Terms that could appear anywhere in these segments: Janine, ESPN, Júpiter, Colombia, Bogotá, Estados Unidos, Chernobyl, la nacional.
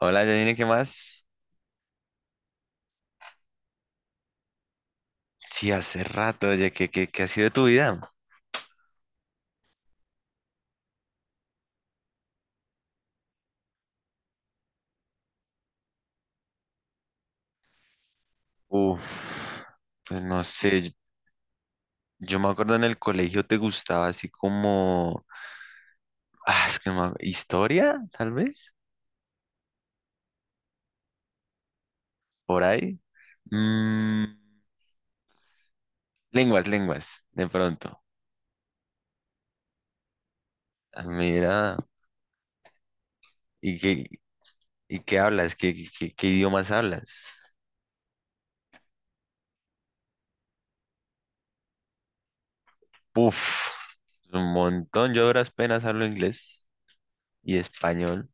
Hola, Janine, ¿qué más? Sí, hace rato, oye, ¿qué ha sido de tu vida? Uf, pues no sé, yo me acuerdo en el colegio te gustaba así como, ah, es que no me ac- historia, tal vez, por ahí. Mm, lenguas, de pronto. Ah, mira, ¿y qué, y qué hablas? ¿Qué idiomas hablas? Uf, un montón, yo a duras penas hablo inglés y español,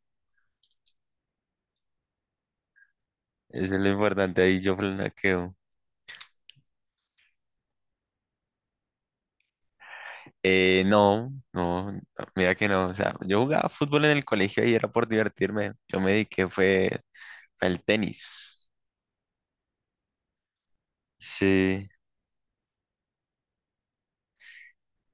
eso es lo importante, ahí yo flanqueo. No, no, no, mira que no. O sea, yo jugaba fútbol en el colegio y era por divertirme. Yo me dediqué fue al tenis. Sí.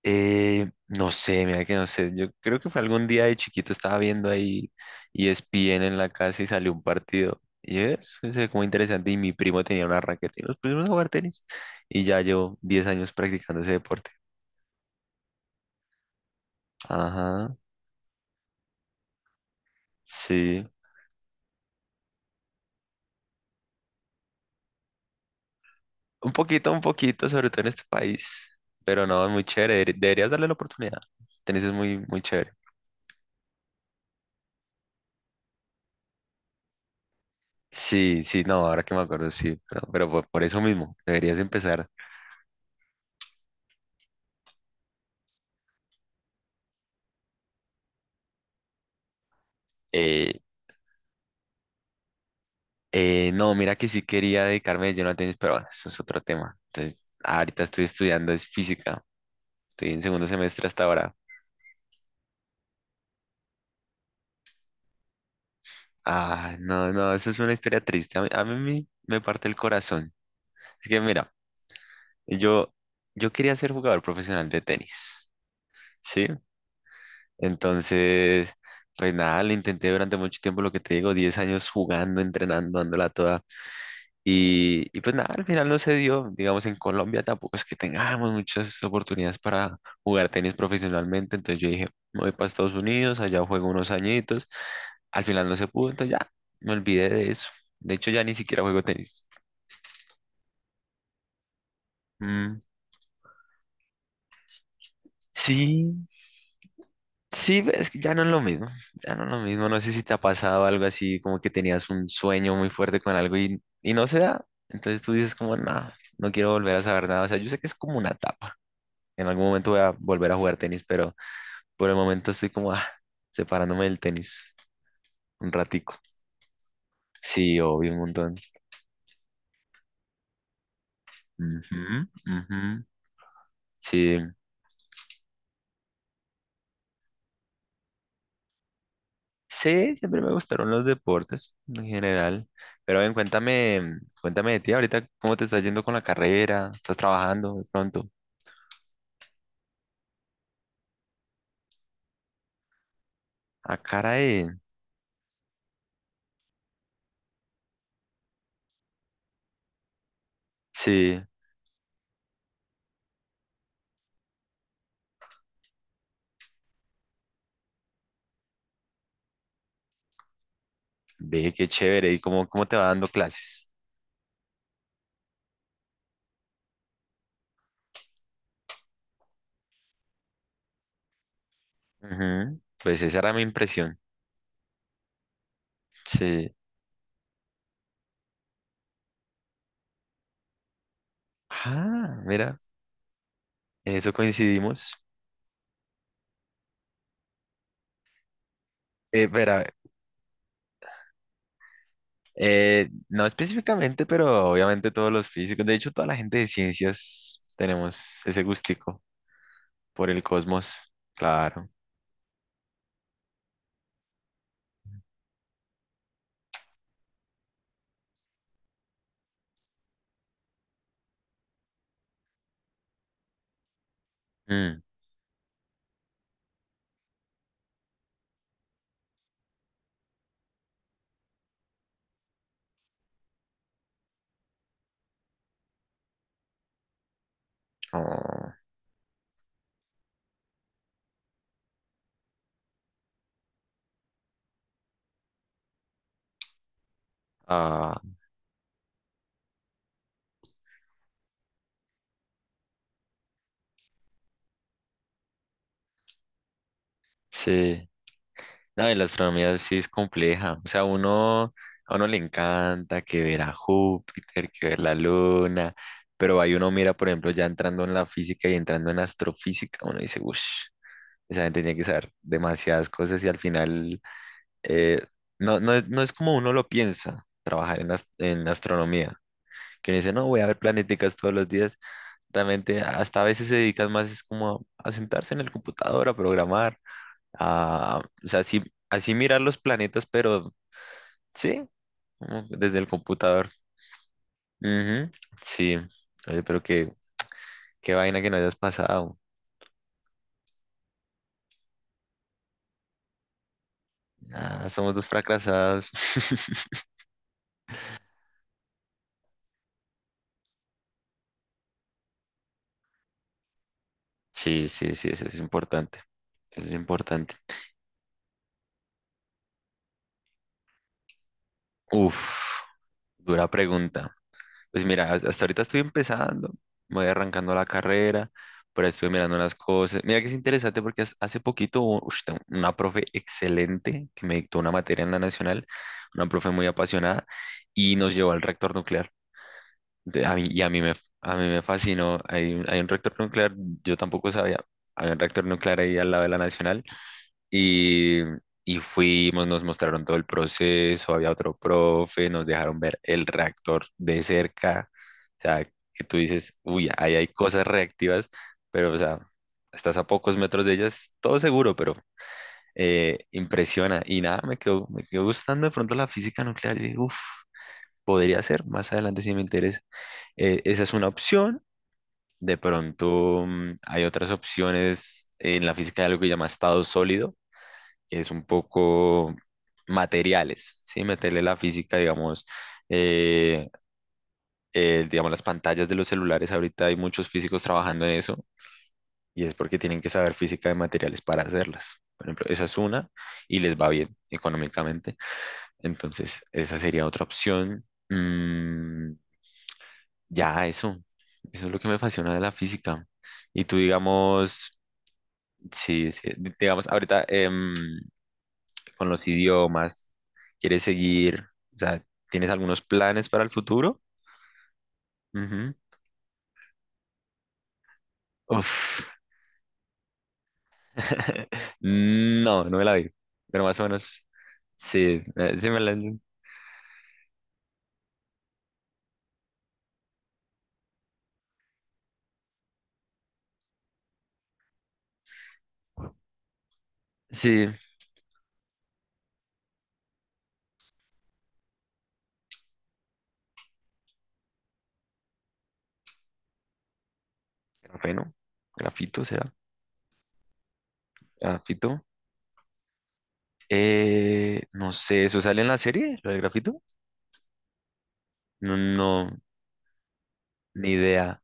No sé, mira que no sé. Yo creo que fue algún día de chiquito estaba viendo ahí ESPN en la casa y salió un partido. Y es como interesante. Y mi primo tenía una raqueta y nos pusimos a jugar tenis. Y ya llevo 10 años practicando ese deporte. Ajá, sí. Un poquito, sobre todo en este país. Pero no, es muy chévere. Deberías darle la oportunidad. Tenis es muy, muy chévere. Sí, sí, no, ahora que me acuerdo, sí. Pero por eso mismo, deberías empezar. Eh, no, mira que sí quería dedicarme de lleno al tenis, pero bueno, eso es otro tema. Entonces, ahorita estoy estudiando, es física. Estoy en segundo semestre hasta ahora. Ah, no, no, eso es una historia triste. A mí me parte el corazón. Es que mira, yo, yo quería ser jugador profesional de tenis. ¿Sí? Entonces, pues nada, le intenté durante mucho tiempo, lo que te digo, 10 años jugando, entrenando, dándola toda. Y pues nada, al final no se dio. Digamos, en Colombia tampoco es que tengamos muchas oportunidades para jugar tenis profesionalmente. Entonces yo dije, me voy para Estados Unidos, allá juego unos añitos. Al final no se pudo, entonces ya me olvidé de eso. De hecho, ya ni siquiera juego tenis. Mm, sí, sí, es que ya no es lo mismo, ya no es lo mismo. No sé si te ha pasado algo así, como que tenías un sueño muy fuerte con algo y no se da. Entonces tú dices como, no, no quiero volver a saber nada. O sea, yo sé que es como una etapa. En algún momento voy a volver a jugar tenis, pero por el momento estoy como, separándome del tenis un ratico. Sí, obvio, un montón. Ujú, ujú. Sí, sí, siempre me gustaron los deportes en general. Pero ven, cuéntame, cuéntame de ti ahorita, ¿cómo te estás yendo con la carrera? ¿Estás trabajando de pronto? Ah, caray. Sí, ve qué chévere. ¿Y cómo te va dando clases? Ujú, pues esa era mi impresión. Sí. Ah, mira, en eso coincidimos. Espera, no específicamente, pero obviamente todos los físicos, de hecho, toda la gente de ciencias tenemos ese gustico por el cosmos. Claro. Mm. Oh, ah, sí. No, y la astronomía sí es compleja. O sea, uno, a uno le encanta que ver a Júpiter, que ver la luna, pero ahí uno mira, por ejemplo, ya entrando en la física y entrando en astrofísica, uno dice, uff, esa gente tiene que saber demasiadas cosas y al final eh, no, no, no es como uno lo piensa trabajar en astronomía. Que uno dice, no, voy a ver planeticas todos los días. Realmente hasta a veces se dedican más es como a sentarse en el computador, a programar. Ah, o sea, así, así mirar los planetas, pero sí, como desde el computador. Ujú, sí. Oye, pero qué vaina que no hayas pasado. Ah, somos dos fracasados. Sí, sí, sí, eso es importante. Eso es importante. Uf, dura pregunta. Pues mira, hasta ahorita estoy empezando, me voy arrancando la carrera, pero estoy mirando las cosas. Mira que es interesante porque hace poquito tengo una profe excelente que me dictó una materia en la nacional, una profe muy apasionada, y nos llevó al reactor nuclear. De- A mí, y a mí me, a mí me fascinó. Hay un reactor nuclear, yo tampoco sabía, había un reactor nuclear ahí al lado de la nacional. Y, y fuimos, nos mostraron todo el proceso, había otro profe, nos dejaron ver el reactor de cerca. O sea, que tú dices, uy, ahí hay cosas reactivas, pero, o sea, estás a pocos metros de ellas, todo seguro, pero impresiona. Y nada, me quedó gustando de pronto la física nuclear. Y uff, podría ser, más adelante si me interesa. Esa es una opción. De pronto hay otras opciones en la física de algo que se llama estado sólido, es un poco materiales, ¿sí? Meterle la física, digamos, eh, digamos, las pantallas de los celulares, ahorita hay muchos físicos trabajando en eso y es porque tienen que saber física de materiales para hacerlas. Por ejemplo, esa es una y les va bien económicamente. Entonces, esa sería otra opción. Mm, ya, eso. Eso es lo que me apasiona de la física. ¿Y tú, digamos, sí, sí, digamos, ahorita, con los idiomas? ¿Quieres seguir? O sea, ¿tienes algunos planes para el futuro? Ujú. Uf. No, no me la vi. Pero más o menos, sí, sí me la... Sí, grafeno, grafito será, grafito. No sé, ¿eso sale en la serie, lo de grafito? No, no, ni idea.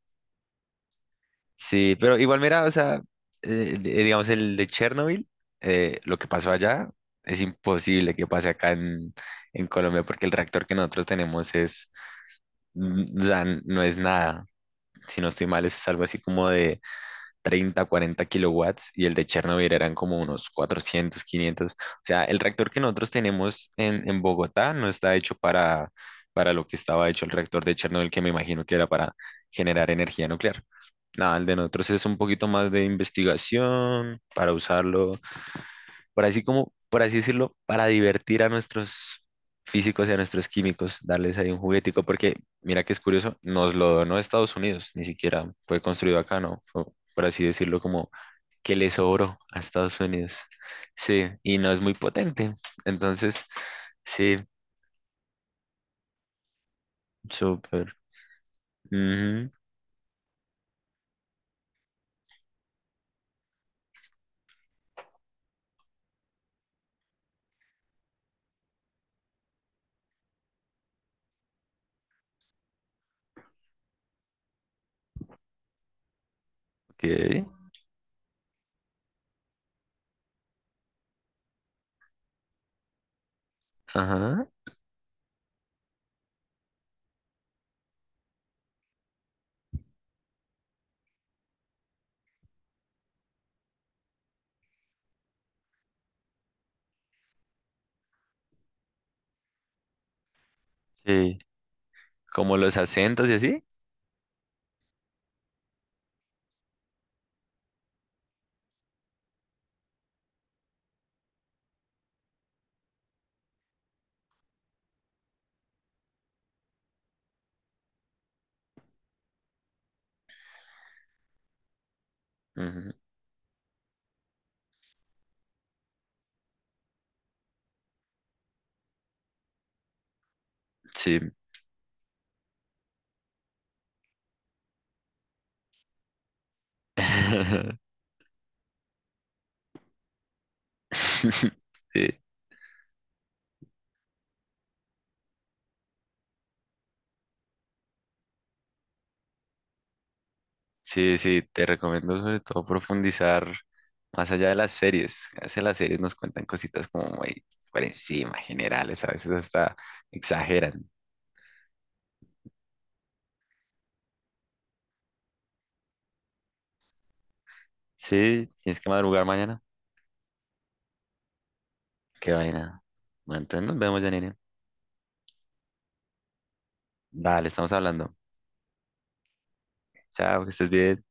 Sí, pero igual mira, o sea, digamos el de Chernobyl, lo que pasó allá es imposible que pase acá en Colombia porque el reactor que nosotros tenemos es, o sea, no es nada, si no estoy mal, es algo así como 30, 40 kilowatts y el de Chernobyl eran como unos 400, 500. O sea, el reactor que nosotros tenemos en Bogotá no está hecho para lo que estaba hecho el reactor de Chernobyl, que me imagino que era para generar energía nuclear. Nada, el de nosotros es un poquito más de investigación para usarlo por así como, por así decirlo, para divertir a nuestros físicos y a nuestros químicos, darles ahí un juguetico, porque mira que es curioso, nos lo donó Estados Unidos, ni siquiera fue construido acá, ¿no? Fue, por así decirlo, como que le sobró a Estados Unidos. Sí, y no es muy potente. Entonces, sí, súper. Ujú, ok, ajá, sí. Como los acentos y así. Ujú, sí. Sí. Sí, sí, te recomiendo sobre todo profundizar más allá de las series. A veces las series nos cuentan cositas como muy por encima, generales, a veces hasta exageran. Sí, tienes que madrugar mañana. Qué vaina. Bueno, entonces nos vemos, Janine. Dale, estamos hablando. Chao, que estés bien.